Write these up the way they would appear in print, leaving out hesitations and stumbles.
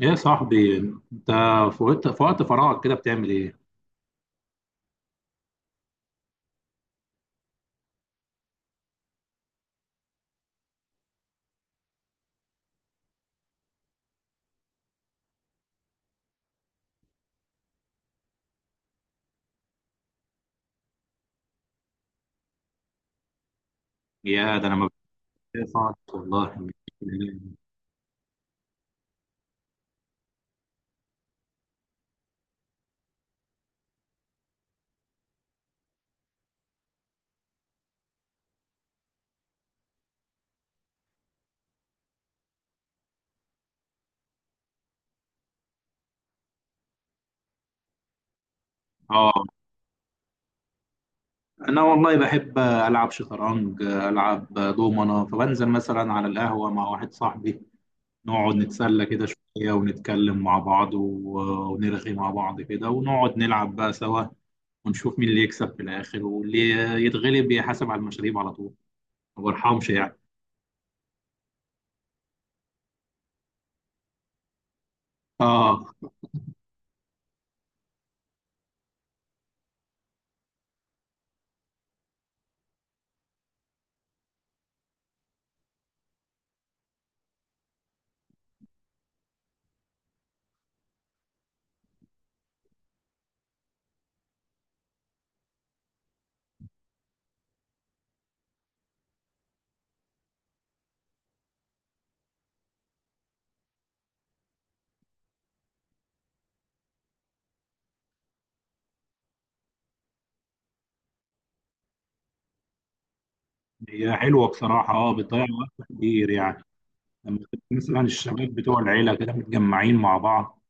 ايه يا صاحبي؟ انت في وقت فراغك كده بتعمل ايه؟ يا ده انا ما بحبش والله. اه، انا والله بحب العب شطرنج، العب دومنه، فبنزل مثلا على القهوه مع واحد صاحبي، نقعد نتسلى كده شويه ونتكلم مع بعض ونرغي مع بعض كده ونقعد نلعب بقى سوا، ونشوف مين اللي يكسب في الاخر واللي يتغلب يحاسب على المشاريب على طول. ما برحمش يعني. اه، هي حلوه بصراحه، اه بتضيع وقت كتير يعني. لما تبقى مثلا الشباب بتوع العيله كده متجمعين مع بعض،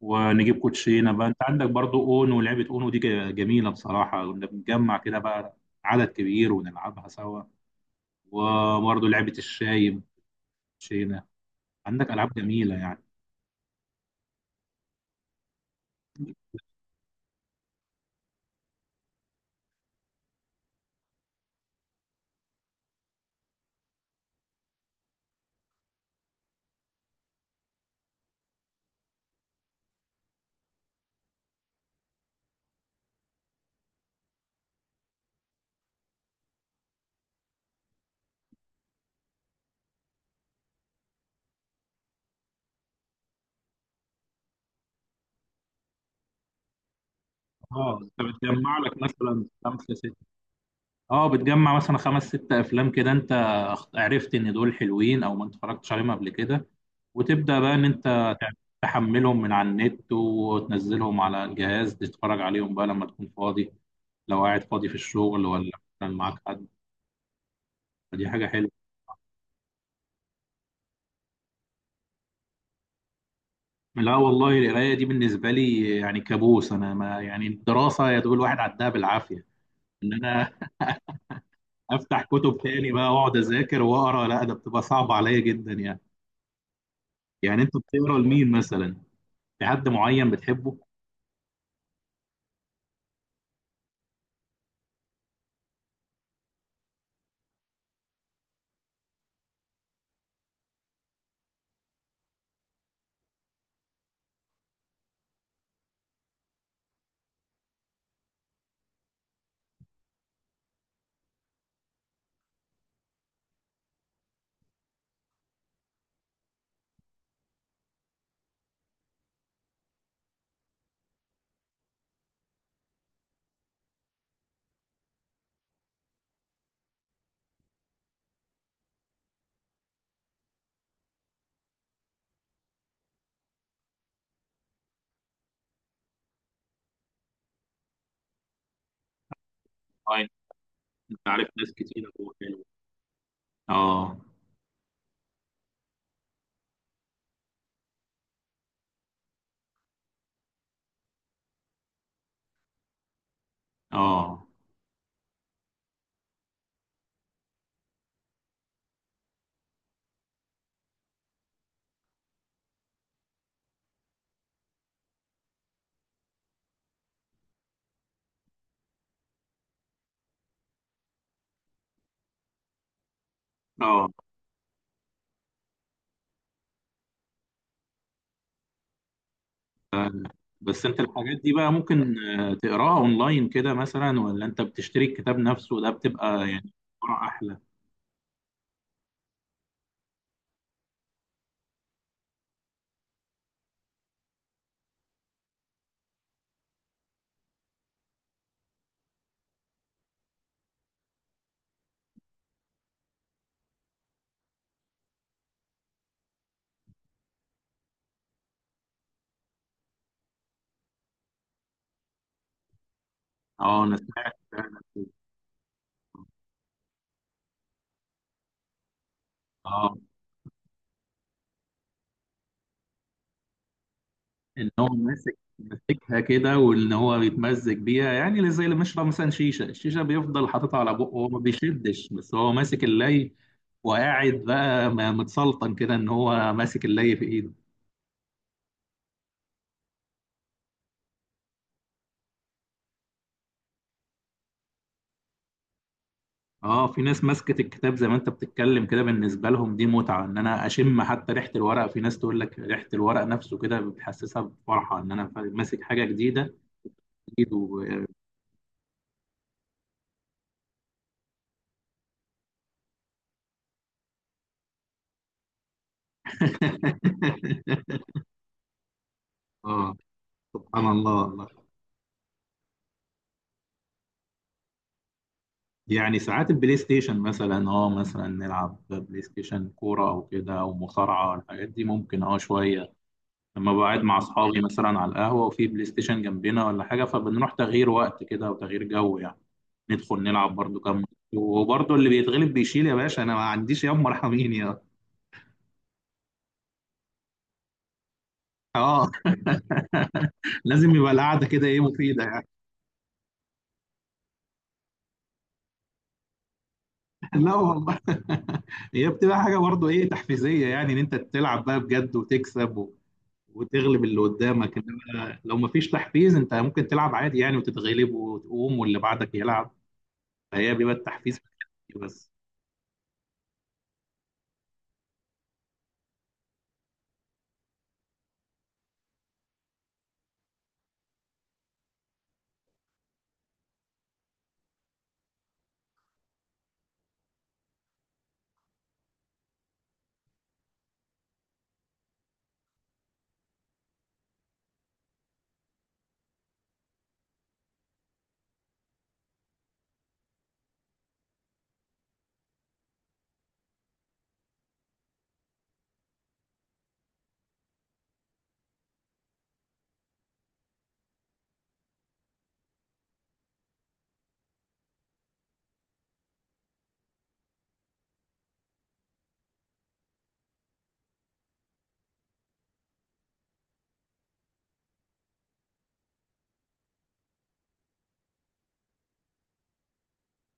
ونجيب كوتشينه بقى، انت عندك برضو اونو، لعبه اونو دي جميله بصراحه، كنا بنتجمع كده بقى عدد كبير ونلعبها سوا. وبرضو لعبه الشاي، كوتشينه، عندك العاب جميله يعني. اه، انت بتجمع لك مثلا خمسه سته، اه بتجمع مثلا خمس ست افلام كده، انت عرفت ان دول حلوين او ما اتفرجتش عليهم قبل كده، وتبدأ بقى إن أنت تحملهم من على النت وتنزلهم على الجهاز، تتفرج عليهم بقى لما تكون فاضي، لو قاعد فاضي في الشغل ولا مثلا معاك حد. فدي حاجة حلوة. لا والله، القراية دي بالنسبة لي يعني كابوس. أنا ما يعني، الدراسة يا دوب الواحد عدها بالعافية، إن أنا أفتح كتب تاني بقى وأقعد أذاكر وأقرأ، لا ده بتبقى صعبة عليا جدا يعني. يعني أنت بتقرأ لمين مثلا؟ في حد معين بتحبه؟ آه، أنت عارف ناس كتير أوي حلوة. آه، آه. آه بس انت الحاجات دي بقى ممكن تقراها اونلاين كده مثلا، ولا انت بتشتري الكتاب نفسه ده، بتبقى يعني قراءة احلى؟ اه، انا سمعت فعلا كده. اه، ان هو ماسكها كده، وان هو بيتمزج بيها، يعني زي اللي بيشرب مثلا شيشه، الشيشه بيفضل حاططها على بقه، هو ما بيشدش بس هو ماسك اللي وقاعد بقى متسلطن كده ان هو ماسك اللي في ايده. اه، في ناس ماسكة الكتاب زي ما انت بتتكلم كده، بالنسبة لهم دي متعة، ان انا اشم حتى ريحة الورق. في ناس تقول لك ريحة الورق نفسه كده بتحسسها بفرحة، ان انا ماسك حاجة جديدة، جديد و... اه، سبحان الله والله. يعني ساعات البلاي ستيشن مثلا، اه مثلا نلعب بلاي ستيشن كورة او كده او مصارعة، الحاجات دي ممكن شوية، لما بقعد مع اصحابي مثلا على القهوة وفي بلاي ستيشن جنبنا ولا حاجة، فبنروح تغيير وقت كده وتغيير جو يعني، ندخل نلعب برضو كام ماتش. وبرضو اللي بيتغلب بيشيل، يا باشا انا ما عنديش، ياما مرحمين يا. اه. لازم يبقى القعده كده ايه مفيده يعني. لا والله. هي بتبقى حاجه برضو ايه تحفيزيه يعني، ان انت تلعب بقى بجد وتكسب و... وتغلب اللي قدامك، انما لو مفيش تحفيز انت ممكن تلعب عادي يعني وتتغلب وتقوم واللي بعدك يلعب. فهي بيبقى التحفيز في الحتة دي بس.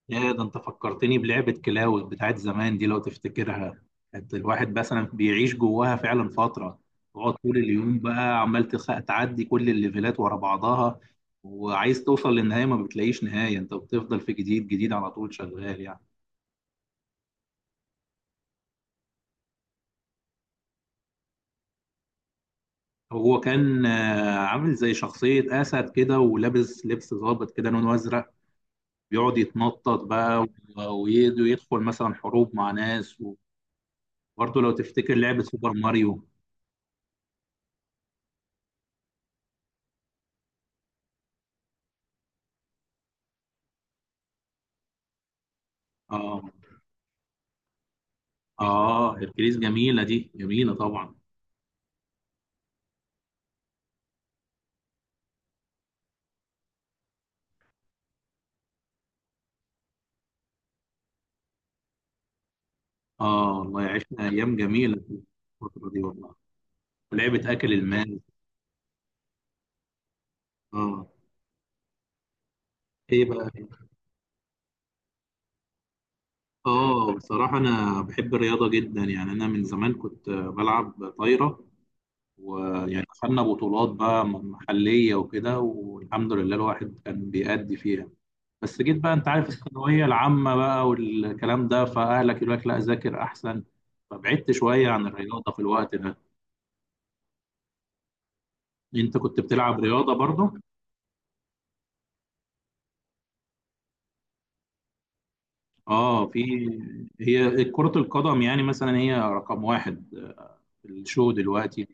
يا ده، انت فكرتني بلعبة كلاود بتاعت زمان دي، لو تفتكرها كانت الواحد مثلا بيعيش جواها فعلا فترة، تقعد طول اليوم بقى عمال تعدي كل الليفلات ورا بعضها، وعايز توصل للنهاية، ما بتلاقيش نهاية، انت بتفضل في جديد جديد على طول شغال يعني. هو كان عامل زي شخصية أسد كده ولابس لبس ضابط كده لونه أزرق، بيقعد يتنطط بقى ويدخل مثلا حروب مع ناس. وبرضه لو تفتكر لعبة سوبر ماريو. اه، اه، هركليس جميلة، دي جميلة طبعا. اه، الله يعيشنا ايام جميلة في الفترة دي والله. ولعبة اكل المال. اه، ايه بقى؟ اه، بصراحة انا بحب الرياضة جدا يعني، انا من زمان كنت بلعب طايرة، ويعني خدنا بطولات بقى محلية وكده، والحمد لله الواحد كان بيأدي فيها، بس جيت بقى انت عارف الثانوية العامة بقى والكلام ده، فأهلك يقول لك لا ذاكر احسن، فبعدت شوية عن الرياضة في الوقت ده. انت كنت بتلعب رياضة برضه؟ اه، في، هي كرة القدم يعني مثلا، هي رقم واحد في الشو دلوقتي.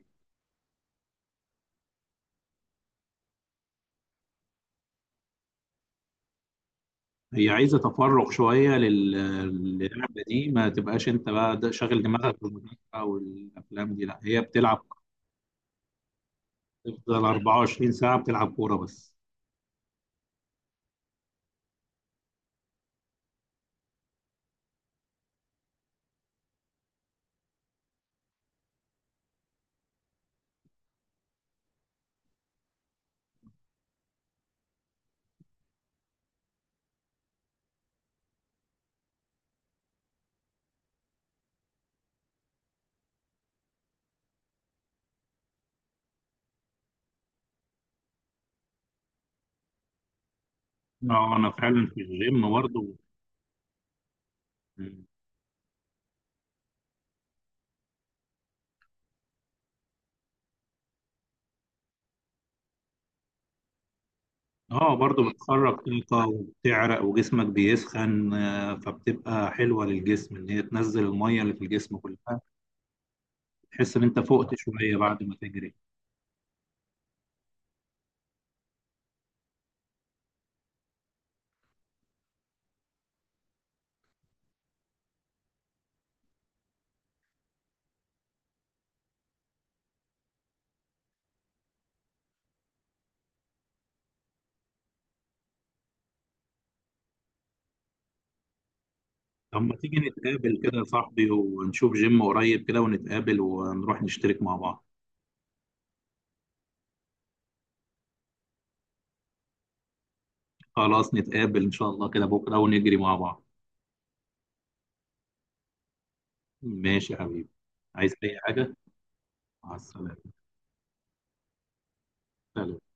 هي عايزة تفرغ شوية للعبة دي، ما تبقاش انت بقى شاغل دماغك بالمذاكرة والافلام دي، لا هي بتلعب، تفضل 24 ساعة بتلعب كورة بس. اه، انا فعلا في الجيم برضه. اه برضه بتخرج طاقة وبتعرق وجسمك بيسخن، فبتبقى حلوة للجسم ان هي تنزل المية اللي في الجسم كلها، تحس ان انت فقت شوية بعد ما تجري. طب ما تيجي نتقابل كده يا صاحبي، ونشوف جيم قريب كده ونتقابل ونروح نشترك مع بعض. خلاص نتقابل إن شاء الله كده بكرة ونجري مع بعض. ماشي يا حبيبي، عايز أي حاجة؟ مع السلامة. سلام.